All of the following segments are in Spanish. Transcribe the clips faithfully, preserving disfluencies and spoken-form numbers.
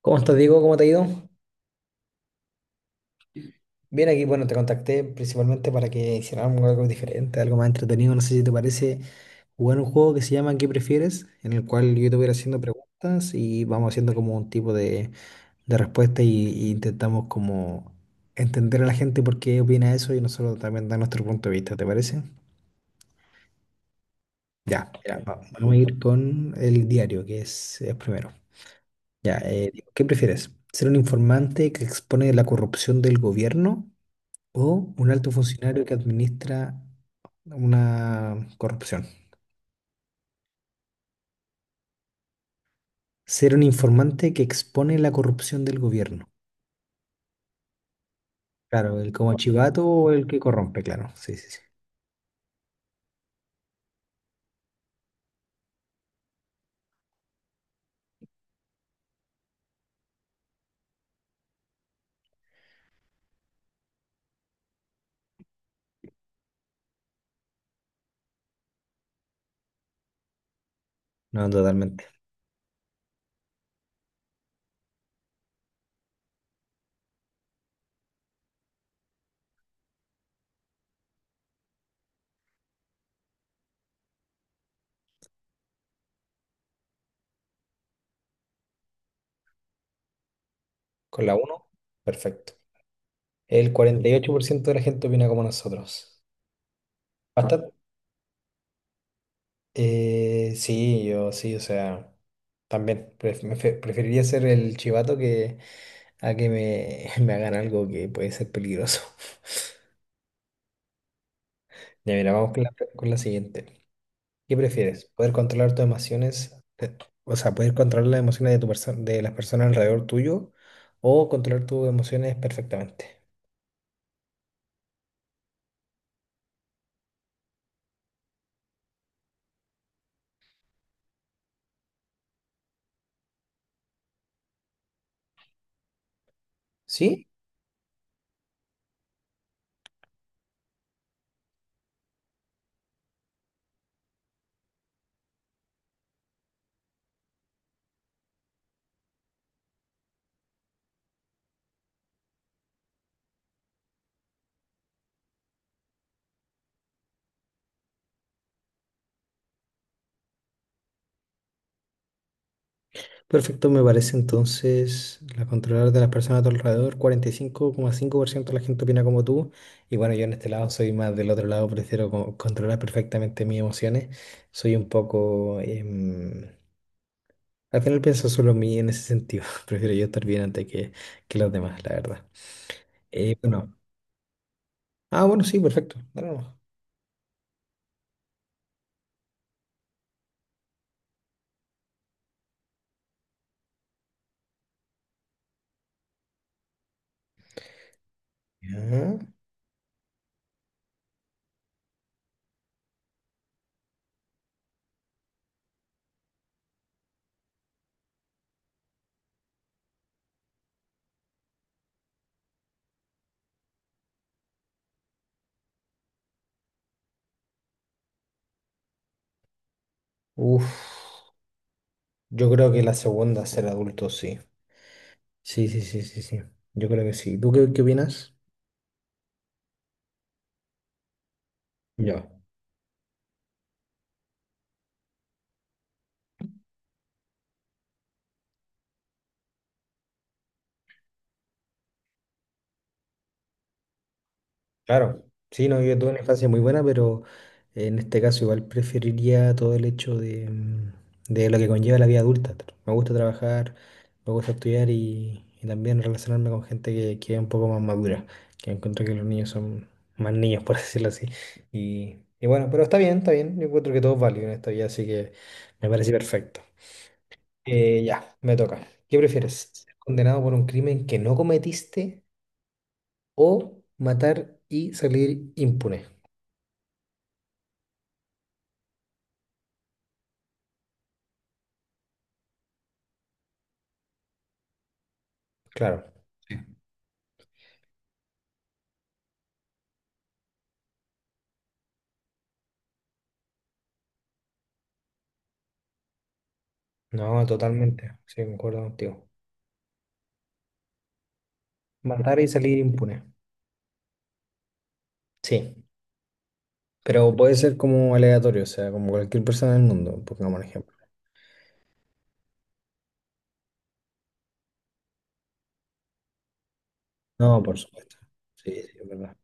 ¿Cómo estás, Diego? ¿Cómo te ha ido? Bien, aquí, bueno, te contacté principalmente para que hiciéramos algo diferente, algo más entretenido. No sé si te parece jugar un juego que se llama ¿qué prefieres? En el cual yo te voy a ir haciendo preguntas y vamos haciendo como un tipo de, de respuesta y, y intentamos como entender a la gente por qué opina eso y nosotros también dar nuestro punto de vista, ¿te parece? Ya, ya, va- vamos a ir con el diario, que es, es primero. Ya, eh, ¿qué prefieres? ¿Ser un informante que expone la corrupción del gobierno? ¿O un alto funcionario que administra una corrupción? Ser un informante que expone la corrupción del gobierno. Claro, el como chivato o el que corrompe, claro. Sí, sí, sí. No, totalmente. Con la uno, perfecto. El cuarenta y ocho por ciento de la gente opina como nosotros. Bastante. Eh, sí, yo sí, o sea, también pref- me fe- preferiría ser el chivato, que a que me, me hagan algo que puede ser peligroso. Ya, mira, vamos con la, con la siguiente. ¿Qué prefieres? ¿Poder controlar tus emociones? de- o sea, poder controlar las emociones de tu perso- de las personas alrededor tuyo, o controlar tus emociones perfectamente? ¿Sí? Perfecto, me parece entonces la controlar de las personas a tu alrededor. cuarenta y cinco coma cinco por ciento de la gente opina como tú. Y bueno, yo en este lado soy más del otro lado, prefiero co- controlar perfectamente mis emociones. Soy un poco... em, Al final pienso solo en mí en ese sentido. Prefiero yo estar bien antes que, que los demás, la verdad. Eh, bueno. Ah, bueno, sí, perfecto. Dale nomás. Ya. Uf, yo creo que la segunda, ser adulto, sí. Sí, sí, sí, sí, sí. Yo creo que sí. ¿Tú qué, qué opinas? Ya. Claro, sí, no, yo tuve una infancia muy buena, pero en este caso igual preferiría todo el hecho de, mm, de lo que conlleva la vida adulta. Tr- Me gusta trabajar, me gusta estudiar y, y también relacionarme con gente que, que es un poco más madura, que encuentro que los niños son más niños, por decirlo así. Y, y bueno, pero está bien, está bien, yo encuentro que todo es válido en esta vida, así que me parece perfecto. Eh, ya, me toca. ¿Qué prefieres? ¿Ser condenado por un crimen que no cometiste o matar y salir impune? Claro, no, totalmente, sí, concuerdo contigo. Matar y salir impune, sí, pero puede ser como aleatorio, o sea, como cualquier persona del mundo, pongamos un ejemplo. No, por supuesto, sí, sí, es verdad.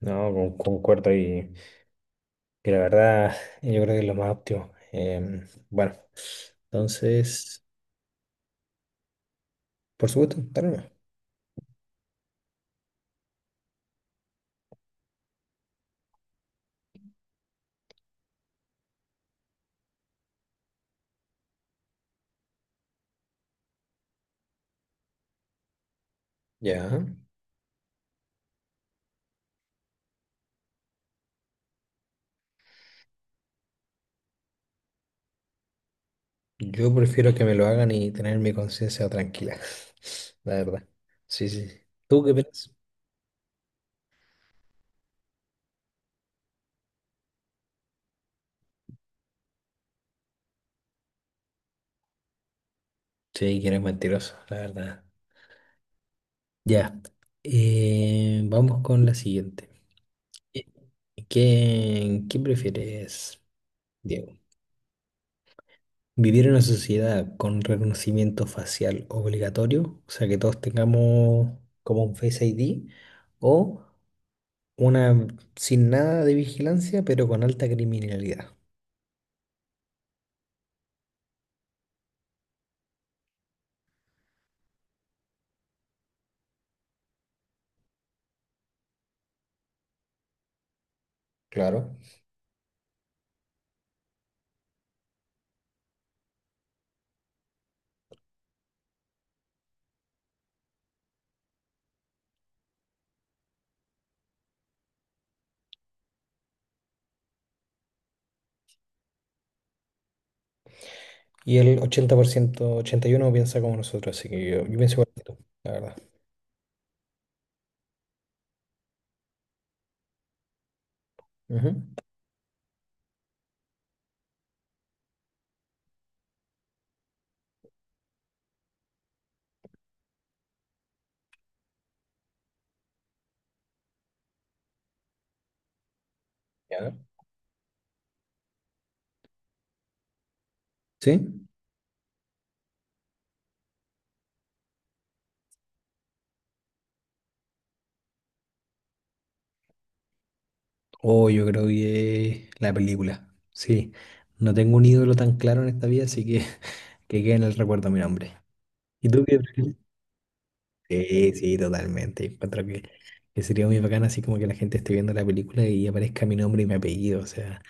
No, con- concuerdo y, y la verdad, yo creo que es lo más óptimo. Em, bueno, entonces, por supuesto, dale nomás. Ya, yo prefiero que me lo hagan y tener mi conciencia tranquila, la verdad. Sí, sí. ¿Tú qué piensas? Sí, que eres mentiroso, la verdad. Ya, eh, vamos con la siguiente. Eh, ¿Qué, qué prefieres, Diego? ¿Vivir en una sociedad con reconocimiento facial obligatorio? O sea, que todos tengamos como un Face I D, o una sin nada de vigilancia, pero con alta criminalidad. Claro. Y el ochenta por ciento, ochenta y uno piensa como nosotros, así que yo, yo pienso igual que tú, la verdad. Ujú. Ya. ¿Sí? Oh, yo creo que la película. Sí, no tengo un ídolo tan claro en esta vida, así que que quede en el recuerdo mi nombre. ¿Y tú qué prefieres? Sí, sí, totalmente. Encuentro que, que sería muy bacán así como que la gente esté viendo la película y aparezca mi nombre y mi apellido, o sea,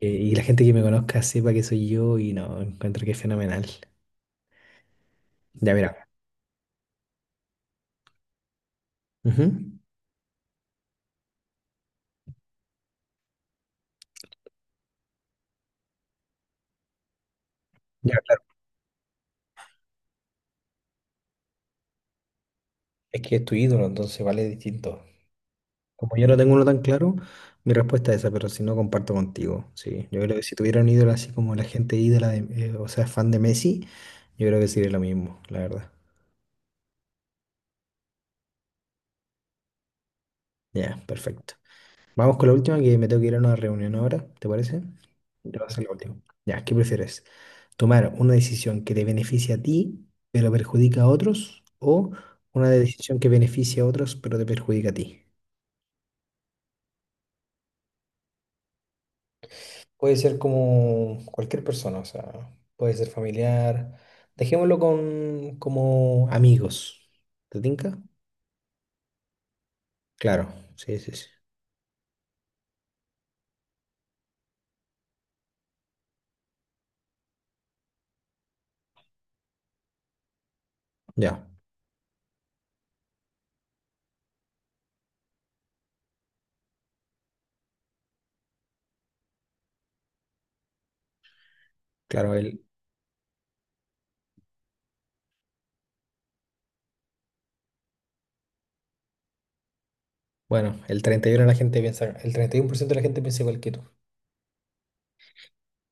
eh, y la gente que me conozca sepa que soy yo y no, encuentro que es fenomenal. Ya, mira. Ujú. Ya, claro, es que es tu ídolo, entonces vale distinto. Como yo no tengo uno tan claro, mi respuesta es esa, pero si no, comparto contigo. Sí, yo creo que si tuviera un ídolo así como la gente ídola, de- eh, o sea, fan de Messi, yo creo que sería lo mismo, la verdad. Ya, perfecto. Vamos con la última, que me tengo que ir a una reunión ahora, ¿te parece? Te voy a hacer la última. Ya, ¿qué prefieres? ¿Tomar una decisión que te beneficia a ti, pero perjudica a otros? ¿O una decisión que beneficia a otros, pero te perjudica a ti? Puede ser como cualquier persona, o sea, puede ser familiar. Dejémoslo con como amigos. ¿Te tinca? Claro, sí, sí, sí. Ya, claro, el, bueno, el treinta y uno de la gente piensa, el treinta y uno por ciento de la gente piensa igual que tú.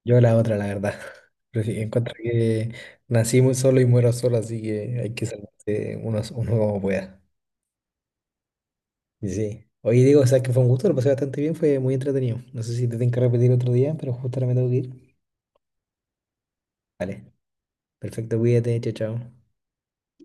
Yo la otra, la verdad. Prefi- Encuentro que nací muy solo y muero solo, así que hay que salvarse uno, uno como pueda. Y sí. Oye, digo, o sea, que fue un gusto, lo pasé bastante bien, fue muy entretenido. No sé si te tengo que repetir otro día, pero justo ahora me tengo que ir. Vale. Perfecto, cuídate, chao, chao.